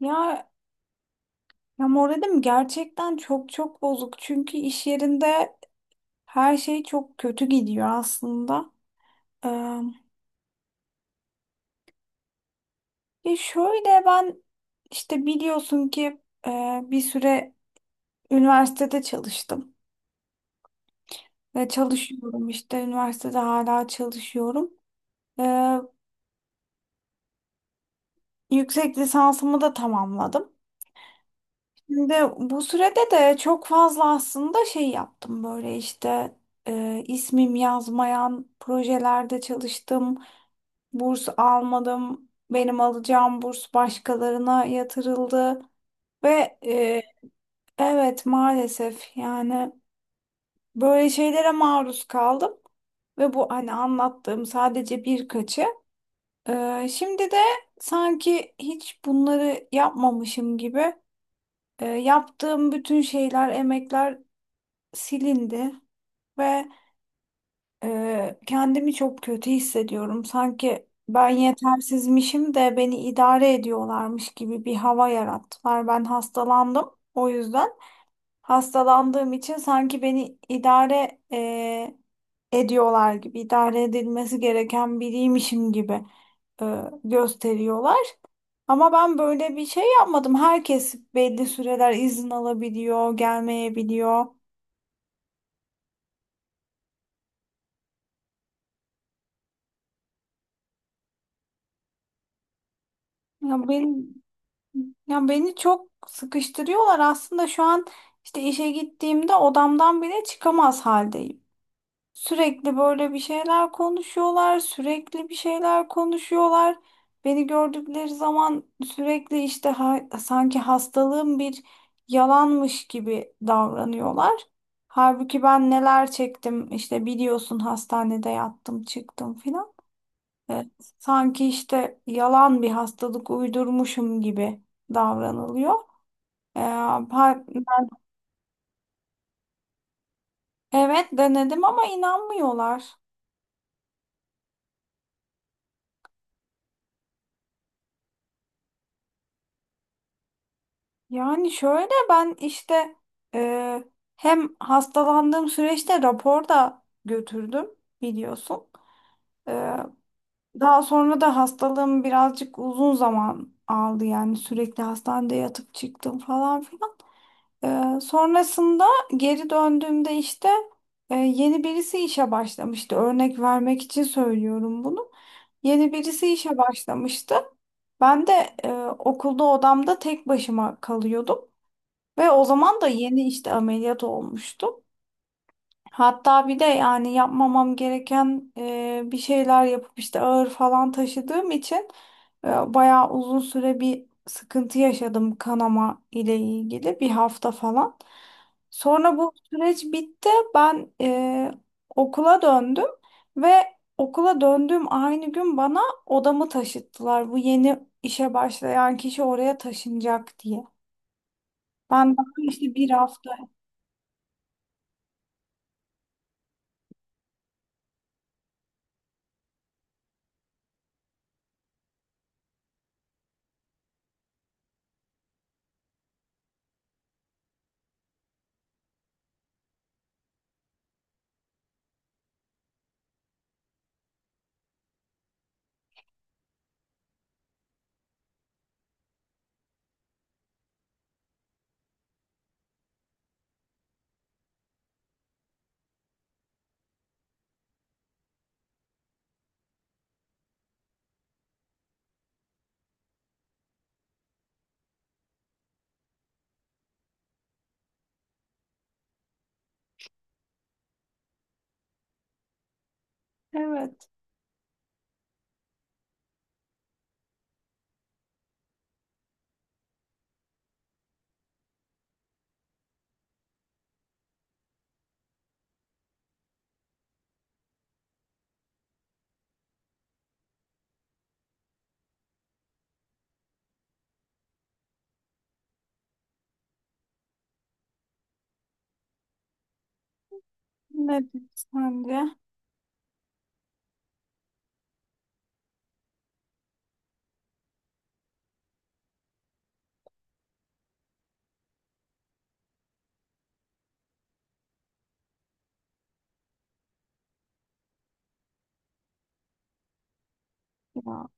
Ya, ya, moralim gerçekten çok bozuk. Çünkü iş yerinde her şey çok kötü gidiyor aslında. Ee, ya şöyle ben işte biliyorsun ki e, bir süre üniversitede çalıştım. Ve çalışıyorum işte üniversitede hala çalışıyorum. Ee, yüksek lisansımı da tamamladım. Şimdi bu sürede de çok fazla aslında şey yaptım böyle işte ismim yazmayan projelerde çalıştım. Burs almadım. Benim alacağım burs başkalarına yatırıldı ve evet maalesef yani böyle şeylere maruz kaldım ve bu hani anlattığım sadece birkaçı. Şimdi de sanki hiç bunları yapmamışım gibi yaptığım bütün şeyler, emekler silindi ve kendimi çok kötü hissediyorum. Sanki ben yetersizmişim de beni idare ediyorlarmış gibi bir hava yarattılar. Ben hastalandım. O yüzden hastalandığım için sanki beni idare ediyorlar gibi, idare edilmesi gereken biriymişim gibi e, gösteriyorlar. Ama ben böyle bir şey yapmadım. Herkes belli süreler izin alabiliyor, gelmeyebiliyor. Ya benim Ya beni çok sıkıştırıyorlar aslında şu an işte işe gittiğimde odamdan bile çıkamaz haldeyim. Sürekli böyle bir şeyler konuşuyorlar, sürekli bir şeyler konuşuyorlar. Beni gördükleri zaman sürekli işte sanki hastalığım bir yalanmış gibi davranıyorlar. Halbuki ben neler çektim işte biliyorsun hastanede yattım çıktım filan. Evet, sanki işte yalan bir hastalık uydurmuşum gibi davranılıyor. Ee, ha- evet denedim ama inanmıyorlar. Yani şöyle ben işte e, hem hastalandığım süreçte rapor da götürdüm biliyorsun. Ee, daha sonra da hastalığım birazcık uzun zaman aldı yani sürekli hastanede yatıp çıktım falan filan. Sonrasında geri döndüğümde işte yeni birisi işe başlamıştı. Örnek vermek için söylüyorum bunu. Yeni birisi işe başlamıştı. Ben de e, okulda odamda tek başıma kalıyordum. Ve o zaman da yeni işte ameliyat olmuştu. Hatta bir de yani yapmamam gereken bir şeyler yapıp işte ağır falan taşıdığım için e, bayağı uzun süre bir sıkıntı yaşadım kanama ile ilgili bir hafta falan. Sonra bu süreç bitti. Ben okula döndüm ve okula döndüğüm aynı gün bana odamı taşıttılar. Bu yeni işe başlayan kişi oraya taşınacak diye. Ben daha işte bir hafta. Evet. Ne sence? Ya.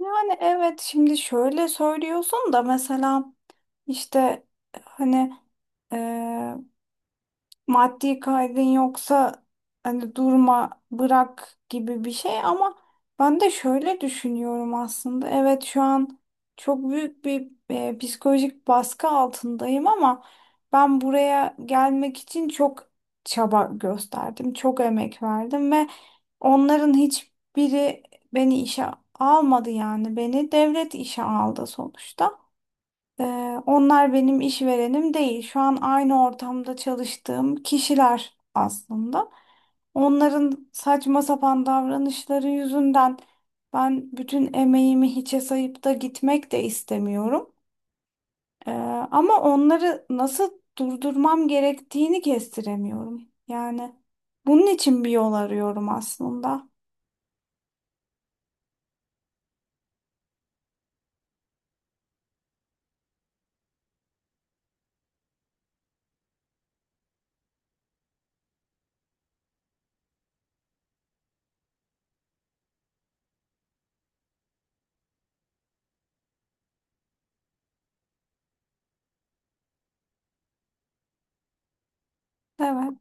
Yani evet şimdi şöyle söylüyorsun da mesela işte hani maddi kaygın yoksa hani durma bırak gibi bir şey ama ben de şöyle düşünüyorum aslında. Evet şu an çok büyük bir psikolojik baskı altındayım ama ben buraya gelmek için çok çaba gösterdim, çok emek verdim ve onların hiçbiri beni işe almadı yani beni devlet işe aldı sonuçta. Ee, onlar benim işverenim değil. Şu an aynı ortamda çalıştığım kişiler aslında. Onların saçma sapan davranışları yüzünden ben bütün emeğimi hiçe sayıp da gitmek de istemiyorum. Ee, ama onları nasıl durdurmam gerektiğini kestiremiyorum. Yani bunun için bir yol arıyorum aslında. Evet.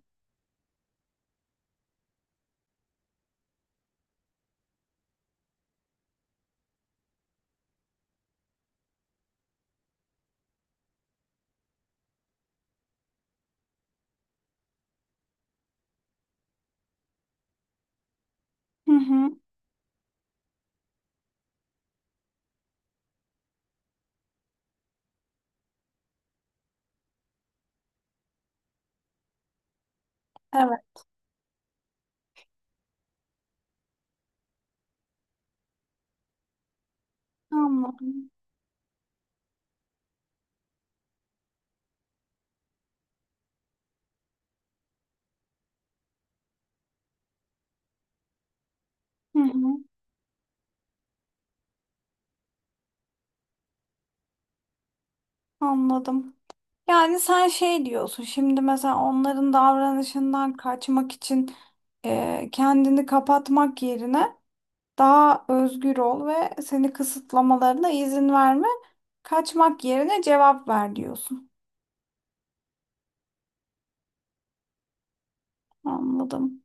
Hı hı. Evet. Anladım. Hı hı. Anladım. Yani sen şey diyorsun şimdi mesela onların davranışından kaçmak için kendini kapatmak yerine daha özgür ol ve seni kısıtlamalarına izin verme. Kaçmak yerine cevap ver diyorsun. Anladım.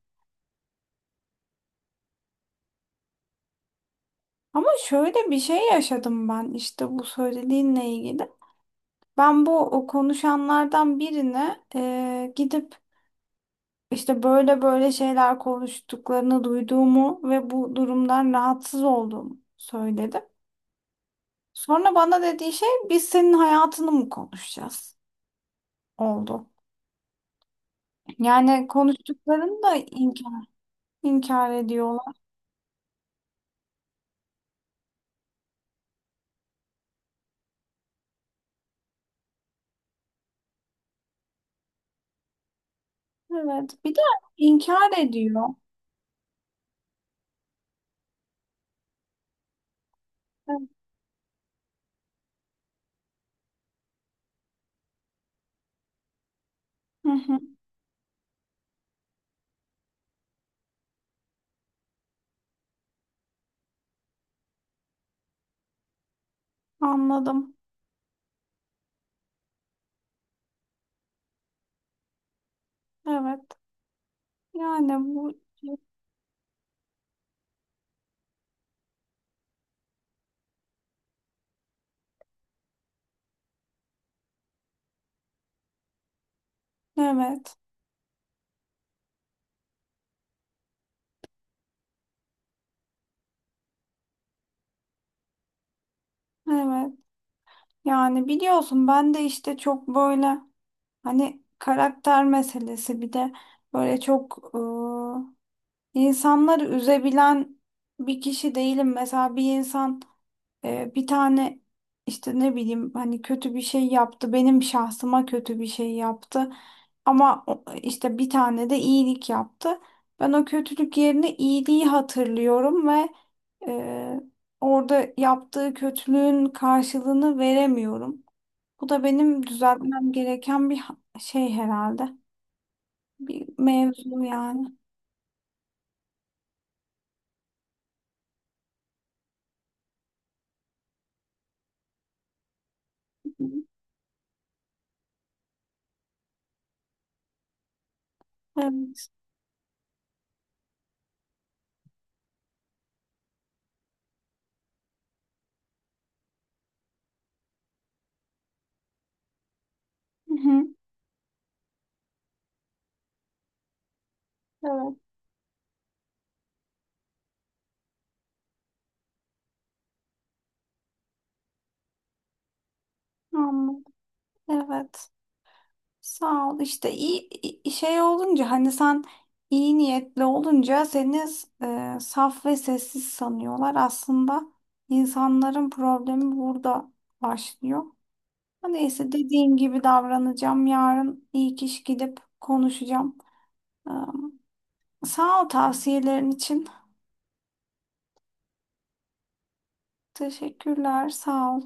Ama şöyle bir şey yaşadım ben işte bu söylediğinle ilgili. Ben bu o konuşanlardan birine gidip İşte böyle böyle şeyler konuştuklarını duyduğumu ve bu durumdan rahatsız olduğumu söyledim. Sonra bana dediği şey biz senin hayatını mı konuşacağız oldu. Yani konuştuklarını da inkar ediyorlar. Evet. Bir de inkar ediyor. Evet. Hı hı. Anladım. Evet. Yani bu evet. Evet. Yani biliyorsun ben de işte çok böyle hani karakter meselesi bir de böyle çok İnsanları üzebilen bir kişi değilim. Mesela bir insan bir tane işte ne bileyim hani kötü bir şey yaptı. Benim şahsıma kötü bir şey yaptı. Ama işte bir tane de iyilik yaptı. Ben o kötülük yerine iyiliği hatırlıyorum ve e, orada yaptığı kötülüğün karşılığını veremiyorum. Bu da benim düzeltmem gereken bir şey herhalde. Bir mevzu yani. Evet. Hı hı. Evet. Anladım. Evet. Sağ ol. İşte şey olunca hani sen iyi niyetli olunca seni saf ve sessiz sanıyorlar. Aslında insanların problemi burada başlıyor. Ha, neyse dediğim gibi davranacağım. Yarın iyi kişi gidip konuşacağım. Ee, sağ ol tavsiyelerin için. Teşekkürler. Sağ ol.